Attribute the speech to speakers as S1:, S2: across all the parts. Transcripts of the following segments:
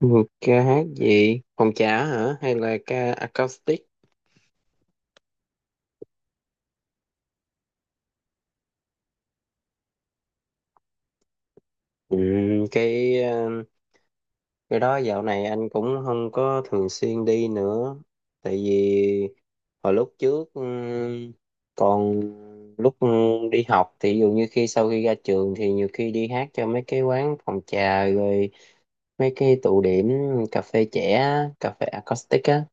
S1: Một ca hát gì? Phòng trà hả? Hay là ca acoustic? Ừ, cái ờ, cái đó dạo này anh cũng không có thường xuyên đi nữa. Tại vì hồi lúc trước còn lúc ừ, đi học thì ví dụ như khi sau khi ra trường thì nhiều khi đi hát cho mấy cái quán phòng trà rồi mấy cái tụ điểm cà phê trẻ, á, cà phê acoustic á.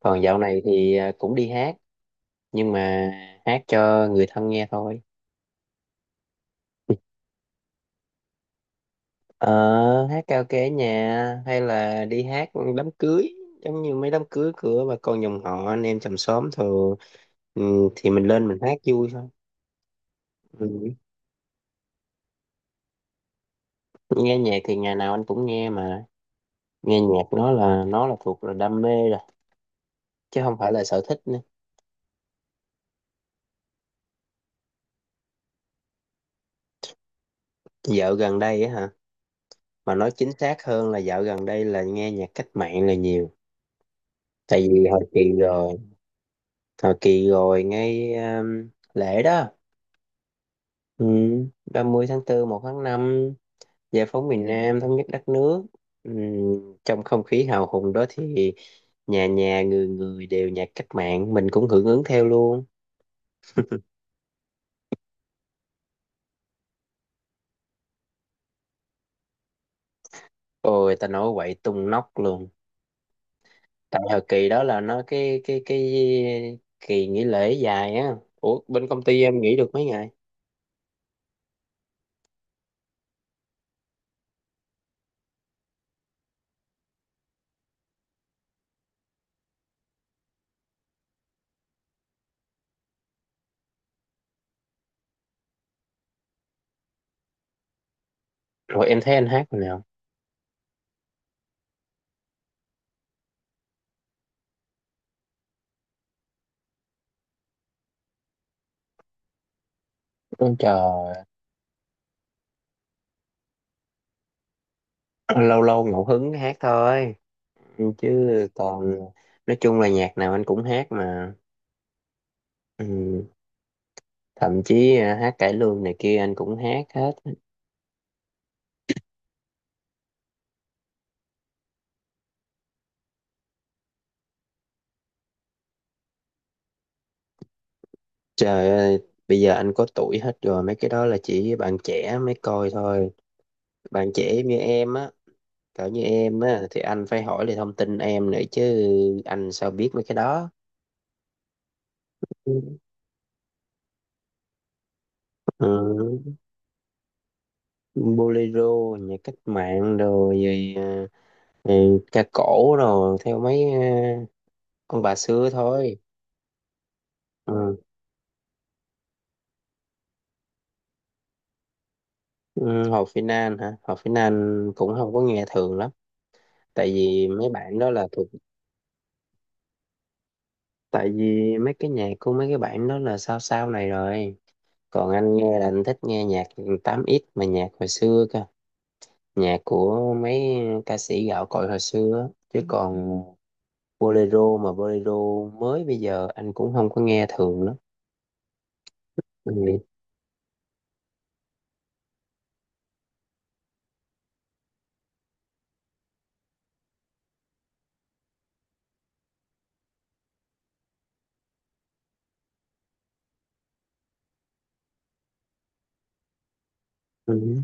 S1: Còn dạo này thì cũng đi hát nhưng mà hát cho người thân nghe thôi. Ờ, hát karaoke ở nhà hay là đi hát đám cưới giống như mấy đám cưới của bà con dòng họ anh em chòm xóm thường ừ, thì mình lên mình hát vui thôi. Ừ. Nghe nhạc thì ngày nào anh cũng nghe, mà nghe nhạc nó là thuộc là đam mê rồi, chứ không phải là sở thích nữa. Dạo gần đây á hả, mà nói chính xác hơn là dạo gần đây là nghe nhạc cách mạng là nhiều. Tại vì hồi kỳ rồi ngay lễ đó, ừ, 30 tháng 4, một tháng năm, Giải phóng miền Nam thống nhất đất nước. Trong không khí hào hùng đó thì nhà nhà người người đều nhạc cách mạng, mình cũng hưởng ứng theo luôn. Ôi ta nói quậy tung nóc luôn. Tại thời kỳ đó là nó cái kỳ nghỉ lễ dài á. Ủa bên công ty em nghỉ được mấy ngày? Rồi em thấy anh hát rồi nào? Ôi trời, lâu lâu ngẫu hứng hát thôi. Ừ, chứ còn nói chung là nhạc nào anh cũng hát mà. Ừ, thậm chí hát cải lương này kia anh cũng hát hết. Trời ơi, bây giờ anh có tuổi hết rồi, mấy cái đó là chỉ bạn trẻ mới coi thôi. Bạn trẻ như em á, cỡ như em á, thì anh phải hỏi lại thông tin em nữa chứ, anh sao biết mấy cái đó. Ừ, bolero, nhạc cách mạng rồi, rồi ca cổ rồi, theo mấy ông bà xưa thôi. Ừ. Ừ, Hồ Phi Nan hả? Hồ Phi Nan cũng không có nghe thường lắm, tại vì mấy bạn đó là thuộc, tại vì mấy cái nhạc của mấy cái bạn đó là sao sao này rồi, còn anh nghe là anh thích nghe nhạc tám x mà nhạc hồi xưa cơ, nhạc của mấy ca sĩ gạo cội hồi xưa á. Chứ còn bolero mới bây giờ anh cũng không có nghe thường lắm. Ừ. Ừ.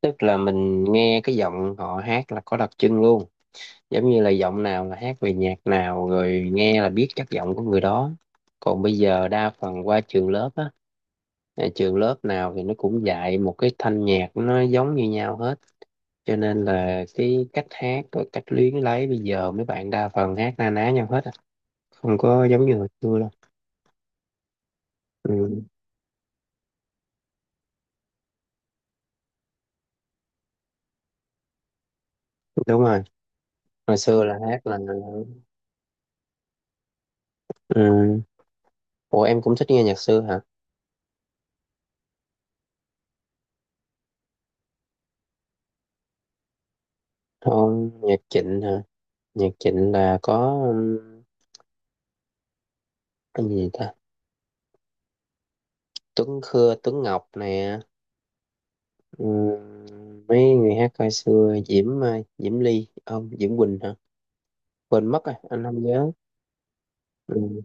S1: Tức là mình nghe cái giọng họ hát là có đặc trưng luôn, giống như là giọng nào là hát về nhạc nào rồi nghe là biết chất giọng của người đó. Còn bây giờ đa phần qua trường lớp á, trường lớp nào thì nó cũng dạy một cái thanh nhạc nó giống như nhau hết, cho nên là cái cách hát rồi cách luyến lấy bây giờ mấy bạn đa phần hát na ná nhau hết à. Không có giống như hồi xưa đâu. Ừ, đúng rồi. Hồi xưa là hát là ừ. Ủa em cũng thích nghe nhạc xưa hả? Không, nhạc Trịnh hả? Nhạc Trịnh là có, ừ, cái gì ta, Tuấn Khưa Tuấn Ngọc nè, ừ, mấy người hát hồi xưa, Diễm ờ, Diễm Ly không Diễm Quỳnh hả, quên mất rồi anh không nhớ. Ừ.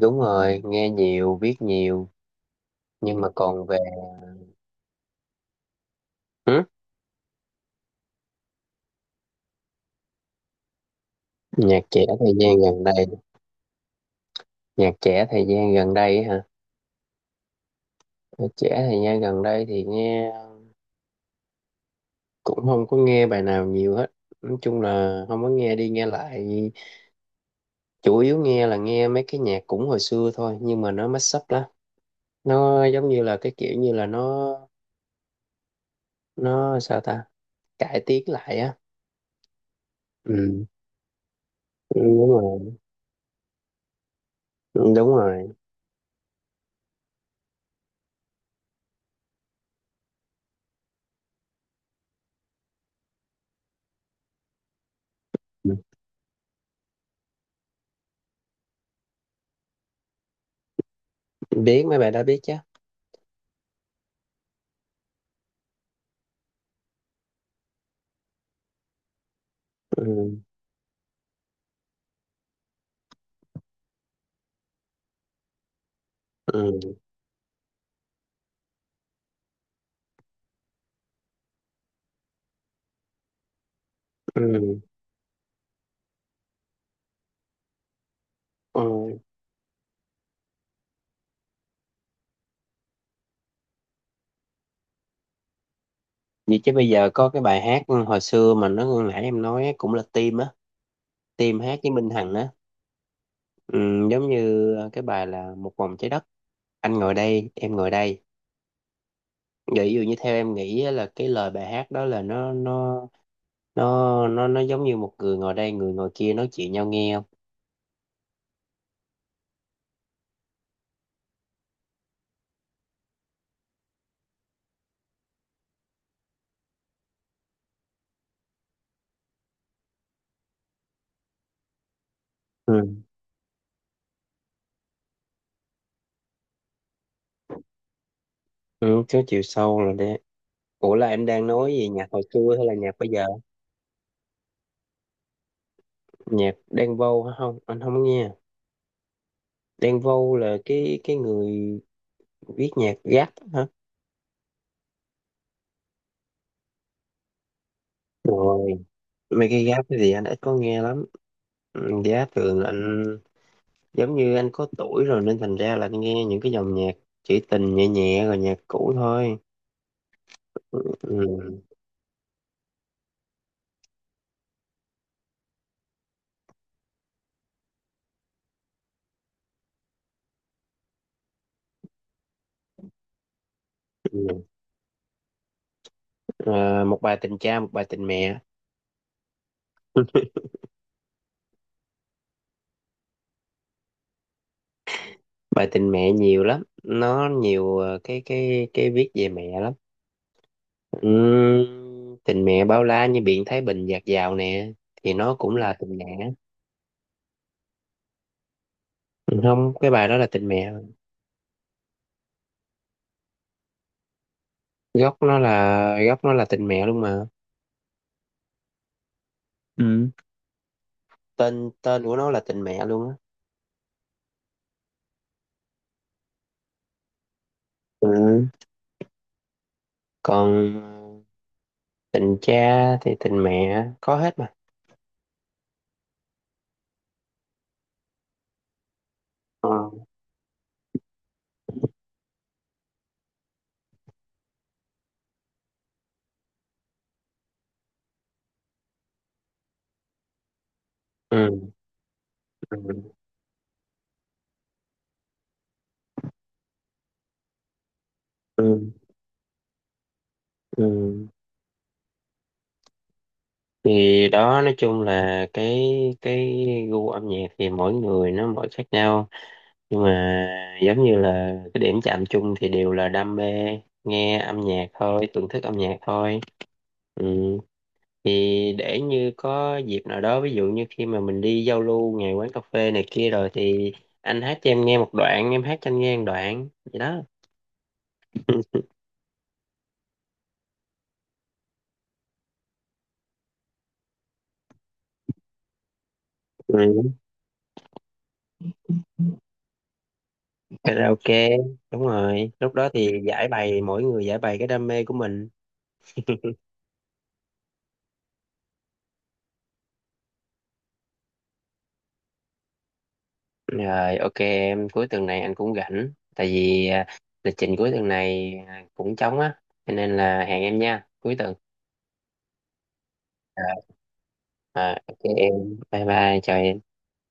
S1: Đúng rồi, nghe nhiều biết nhiều. Nhưng mà còn về. Ừ. Nhạc trẻ thời gian gần đây, nhạc trẻ thời gian gần đây hả, nhạc trẻ thời gian gần đây thì nghe cũng không có nghe bài nào nhiều hết, nói chung là không có nghe đi nghe lại, chủ yếu nghe là nghe mấy cái nhạc cũng hồi xưa thôi nhưng mà nó mashup lắm. Nó giống như là cái kiểu như là nó sao ta, cải tiến lại á. Ừ. Ừ, đúng rồi. Ừ, đúng rồi. Ừ. Biết mấy bài đó, biết chứ. Ừ. Ừ. Ừ. Ừ. Vậy chứ bây giờ có cái bài hát ừ, hồi xưa mà nó nãy em nói á, cũng là Tim á, Tim hát với Minh Hằng á, ừ, giống như cái bài là Một vòng trái đất, anh ngồi đây, em ngồi đây. Vậy ví dụ như theo em nghĩ á, là cái lời bài hát đó là nó giống như một người ngồi đây, người ngồi kia nói chuyện nhau nghe không? Ừ, ừ có chiều sâu rồi đấy. Ủa là em đang nói về nhạc hồi xưa hay là nhạc bây giờ? Nhạc Đen Vâu hả? Không. Anh không nghe. Đen Vâu là cái người viết nhạc rap hả? Rồi. Mấy cái giáp cái gì anh ít có nghe lắm. Ừ, Giá thường là anh, giống như anh có tuổi rồi nên thành ra là anh nghe những cái dòng nhạc trữ tình nhẹ nhẹ rồi nhạc cũ thôi. Ừ. Ừ. À, một bài tình cha, một bài tình mẹ. Bài tình mẹ nhiều lắm. Nó nhiều ờ, cái viết về mẹ lắm. Ừ. Tình mẹ bao la như biển Thái Bình dạt dào nè, thì nó cũng là tình mẹ. Ừ, không, cái bài đó là tình mẹ. Gốc nó là tình mẹ luôn mà. Ừ. Tên tên của nó là tình mẹ luôn á. Ừ. Còn tình cha thì tình mẹ có hết mà. Ờ, ừ. Ừ. Ừ. Ừ. Thì đó, nói chung là cái gu âm nhạc thì mỗi người nó mỗi khác nhau, nhưng mà giống như là cái điểm chạm chung thì đều là đam mê nghe âm nhạc thôi, thưởng thức âm nhạc thôi. Ừ. Thì để như có dịp nào đó ví dụ như khi mà mình đi giao lưu ngày quán cà phê này kia rồi thì anh hát cho em nghe một đoạn, em hát cho anh nghe một đoạn vậy đó. Ừ, karaoke, đúng rồi, lúc đó thì giải bày, mỗi người giải bày cái đam mê của mình. Rồi ok em, cuối tuần này anh cũng rảnh, tại vì lịch trình cuối tuần này cũng trống á, cho nên là hẹn em nha cuối tuần. à, ok em, bye bye, chào em.